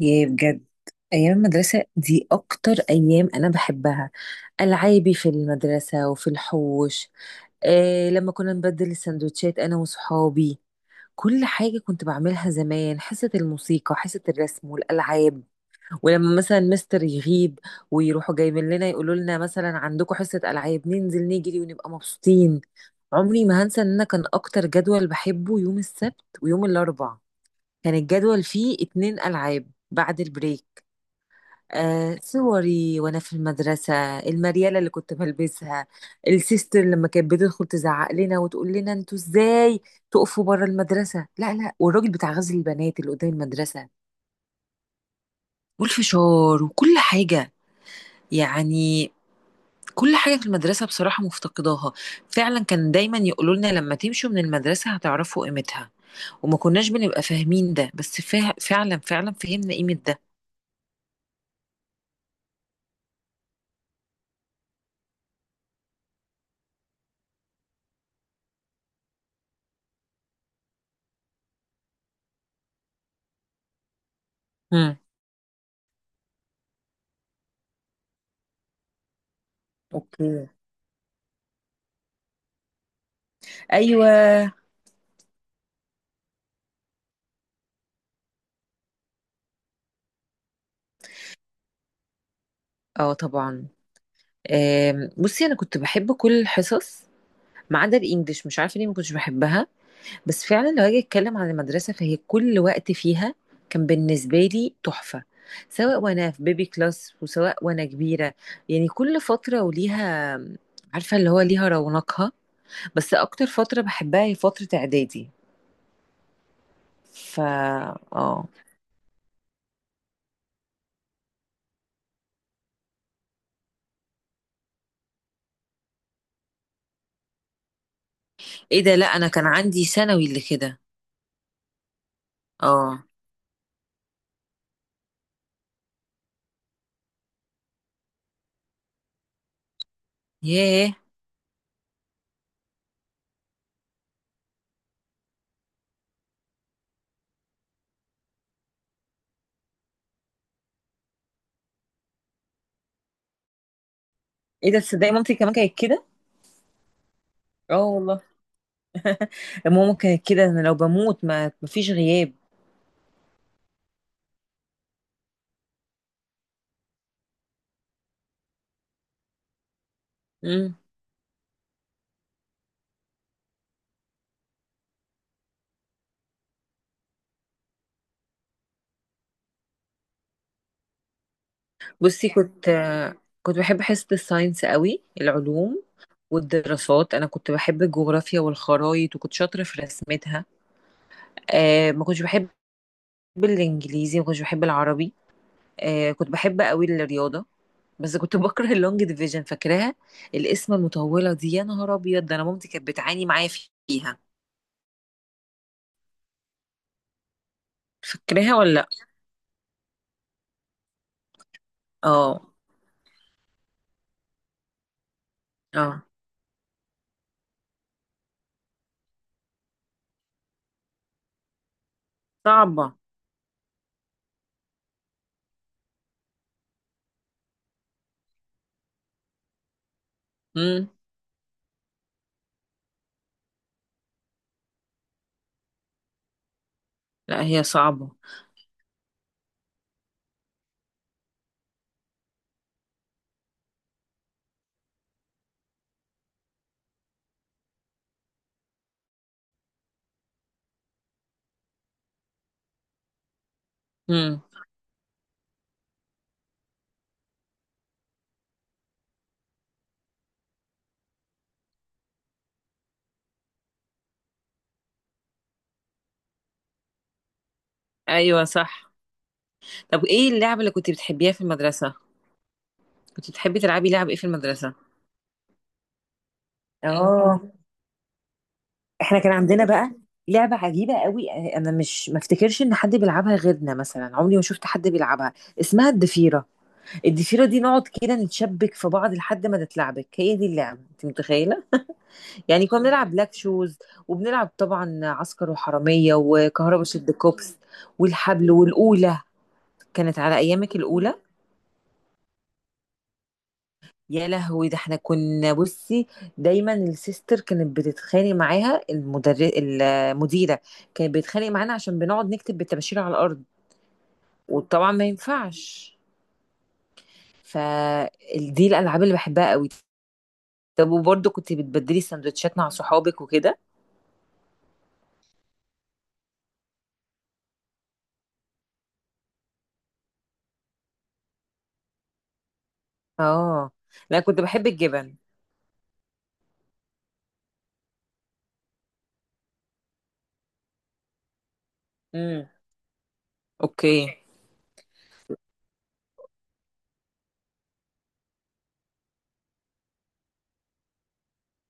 ياه، بجد. أيام المدرسة دي أكتر أيام أنا بحبها. ألعابي في المدرسة وفي الحوش. آه، لما كنا نبدل السندوتشات أنا وصحابي. كل حاجة كنت بعملها زمان، حصة الموسيقى، حصة الرسم والألعاب. ولما مثلا مستر يغيب ويروحوا جايبين لنا يقولوا لنا مثلا عندكم حصة ألعاب، ننزل نجري ونبقى مبسوطين. عمري ما هنسى إن أنا كان أكتر جدول بحبه يوم السبت ويوم الأربع. كان الجدول فيه اتنين ألعاب بعد البريك. آه، صوري وانا في المدرسه، المرياله اللي كنت بلبسها. السيستر لما كانت بتدخل تزعق لنا وتقول لنا انتوا ازاي تقفوا بره المدرسه، لا لا. والراجل بتاع غزل البنات اللي قدام المدرسه، والفشار وكل حاجه. يعني كل حاجه في المدرسه بصراحه مفتقداها. فعلا كان دايما يقولوا لنا لما تمشوا من المدرسه هتعرفوا قيمتها، وما كناش بنبقى فاهمين ده. بس فعلا فعلا فهمنا قيمه ده. مم. اوكي. ايوه. اه طبعا. بصي انا كنت بحب كل الحصص ما عدا الانجليش، مش عارفه ليه ما كنتش بحبها. بس فعلا لو هاجي اتكلم عن المدرسه، فهي كل وقت فيها كان بالنسبه لي تحفه. سواء وانا في بيبي كلاس وسواء وانا كبيره، يعني كل فتره وليها، عارفه اللي هو ليها رونقها. بس اكتر فتره بحبها هي فتره اعدادي. فا اه. ايه ده، لا انا كان عندي ثانوي اللي كده. اه. ياه. ايه ده، تصدقي مامتي كمان كانت كده. اه والله. ماما كانت كده، انا لو بموت ما مفيش غياب. مم. بصي، كنت بحب حصة الساينس قوي، العلوم والدراسات. انا كنت بحب الجغرافيا والخرايط وكنت شاطرة في رسمتها. آه، ما كنتش بحب الانجليزي، ما كنتش بحب العربي. آه، كنت بحب قوي الرياضة. بس كنت بكره اللونج ديفيجن، فاكراها؟ القسمة المطولة دي، يا نهار ابيض، ده انا مامتي كانت بتعاني معايا فيها. فاكراها ولا لا؟ اه. اه صعبة. امم. لا هي صعبة. امم. ايوه صح. طب ايه اللعبة اللي كنت بتحبيها في المدرسة؟ كنت بتحبي تلعبي لعب ايه في المدرسة؟ اه. احنا كان عندنا بقى لعبة عجيبة قوي، انا مش ما افتكرش ان حد بيلعبها غيرنا، مثلا عمري ما شفت حد بيلعبها. اسمها الضفيرة. الضفيرة دي نقعد كده نتشبك في بعض لحد ما نتلعبك، هي دي اللعبة انت متخيلة؟ يعني كنا بنلعب بلاك شوز، وبنلعب طبعا عسكر وحرامية وكهربا شد كوبس، والحبل والأولى. كانت على ايامك الأولى؟ يا لهوي، ده احنا كنا، بصي دايما السيستر كانت بتتخانق معاها المدرس، المديره كانت بتتخانق معانا عشان بنقعد نكتب بالطباشير على الارض، وطبعا ما ينفعش. فدي الالعاب اللي بحبها قوي. طب وبرضه كنت بتبدلي سندوتشات مع صحابك وكده؟ اه، لا كنت بحب الجبن. امم. اوكي.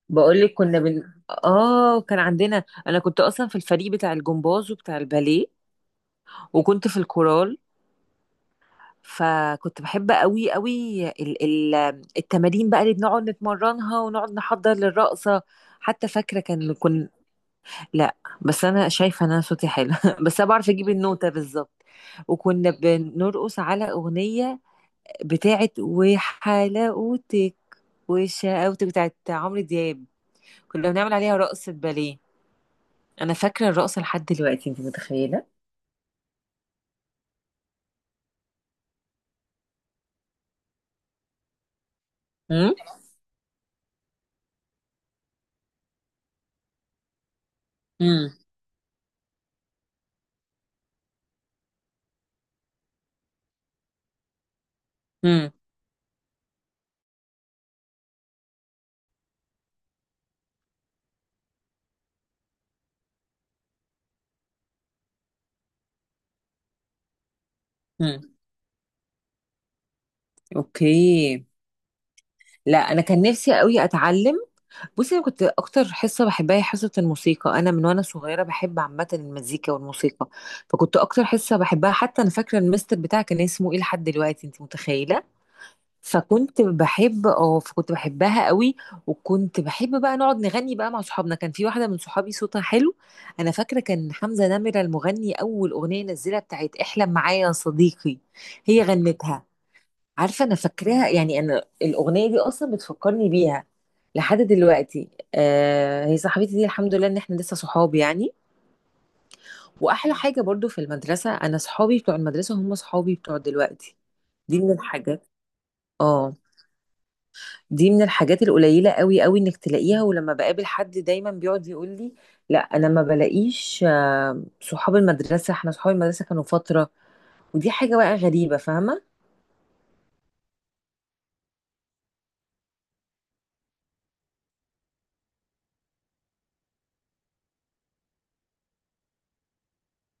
بقول لك كنا بن اه، كان عندنا، انا كنت اصلا في الفريق بتاع الجمباز وبتاع الباليه وكنت في الكورال. فكنت بحب قوي قوي التمارين بقى اللي بنقعد نتمرنها، ونقعد نحضر للرقصة. حتى فاكرة كان كن لا، بس أنا شايفة إن أنا صوتي حلو بس أنا بعرف أجيب النوتة بالظبط. وكنا بنرقص على أغنية بتاعت وحلاوتك وشقاوتك بتاعت عمرو دياب. كنا بنعمل عليها رقصة باليه. أنا فاكرة الرقصة لحد دلوقتي، أنت متخيلة؟ امم. امم. امم. اوكي. لا انا كان نفسي قوي اتعلم. بصي انا كنت اكتر حصه بحبها هي حصه الموسيقى. انا من وانا صغيره بحب عامه المزيكا والموسيقى. فكنت اكتر حصه بحبها، حتى انا فاكره المستر بتاعي كان اسمه ايه لحد دلوقتي، انت متخيله؟ فكنت بحب فكنت بحبها قوي. وكنت بحب بقى نقعد نغني بقى مع صحابنا، كان في واحده من صحابي صوتها حلو. انا فاكره كان حمزه نمره المغني، اول اغنيه نزلها بتاعت احلم معايا يا صديقي، هي غنتها. عارفة، أنا فاكراها يعني، أنا الأغنية دي أصلا بتفكرني بيها لحد دلوقتي. آه، هي صاحبتي دي الحمد لله إن إحنا لسه صحاب يعني. وأحلى حاجة برضو في المدرسة، أنا صحابي بتوع المدرسة هم صحابي بتوع دلوقتي. دي من الحاجات. اه. دي من الحاجات القليلة قوي قوي إنك تلاقيها. ولما بقابل حد دايما بيقعد يقول لي لا أنا ما بلاقيش، آه صحاب المدرسة. إحنا صحاب المدرسة كانوا فترة، ودي حاجة بقى غريبة، فاهمة؟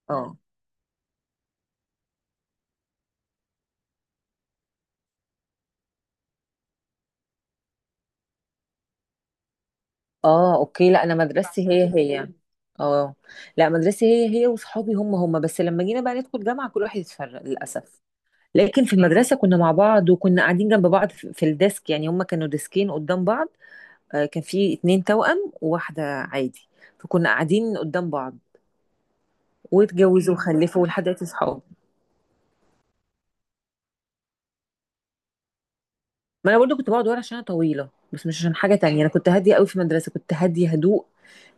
اه. اه. اوكي. لا انا مدرستي هي هي، فاهماني؟ اه. لا مدرستي هي هي وصحابي هم هم. بس لما جينا بقى ندخل جامعة كل واحد اتفرق للأسف. لكن في المدرسة كنا مع بعض وكنا قاعدين جنب بعض في الديسك، يعني هم كانوا ديسكين قدام بعض. آه، كان في اتنين توأم وواحدة عادي، فكنا قاعدين قدام بعض. واتجوزوا وخلفوا، لحد دلوقتي صحاب. ما انا برضو كنت بقعد ورا عشان انا طويله، بس مش عشان حاجه تانية. انا كنت هاديه قوي في المدرسه، كنت هاديه هدوء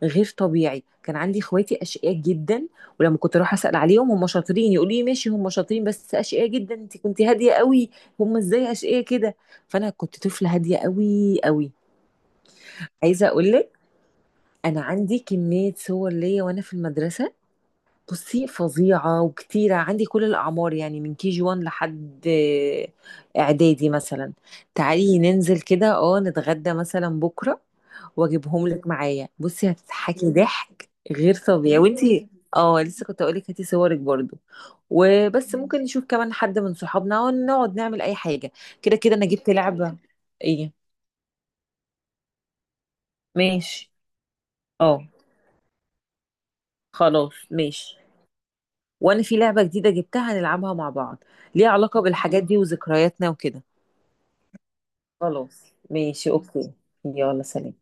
غير طبيعي. كان عندي اخواتي اشقياء جدا، ولما كنت اروح اسال عليهم هم شاطرين يقولوا لي ماشي، هم شاطرين بس اشقياء جدا، انت كنت هاديه قوي. هم ازاي اشقياء كده؟ فانا كنت طفله هاديه قوي قوي. عايزه اقول لك، انا عندي كميه صور ليا وانا في المدرسه. بصي فظيعة وكتيرة، عندي كل الأعمار يعني من كي جي 1 لحد إعدادي مثلا. تعالي ننزل كده نتغدى مثلا بكرة، وأجيبهم لك معايا. بصي هتضحكي ضحك غير طبيعي، وانتي اه لسه كنت أقولك هاتي صورك برضو. وبس ممكن نشوف كمان حد من صحابنا ونقعد نعمل أي حاجة. كده كده أنا جبت لعبة. ايه ماشي. اه خلاص ماشي. وانا في لعبة جديدة جبتها هنلعبها مع بعض، ليها علاقة بالحاجات دي وذكرياتنا وكده. خلاص ماشي. اوكي. يلا سلام.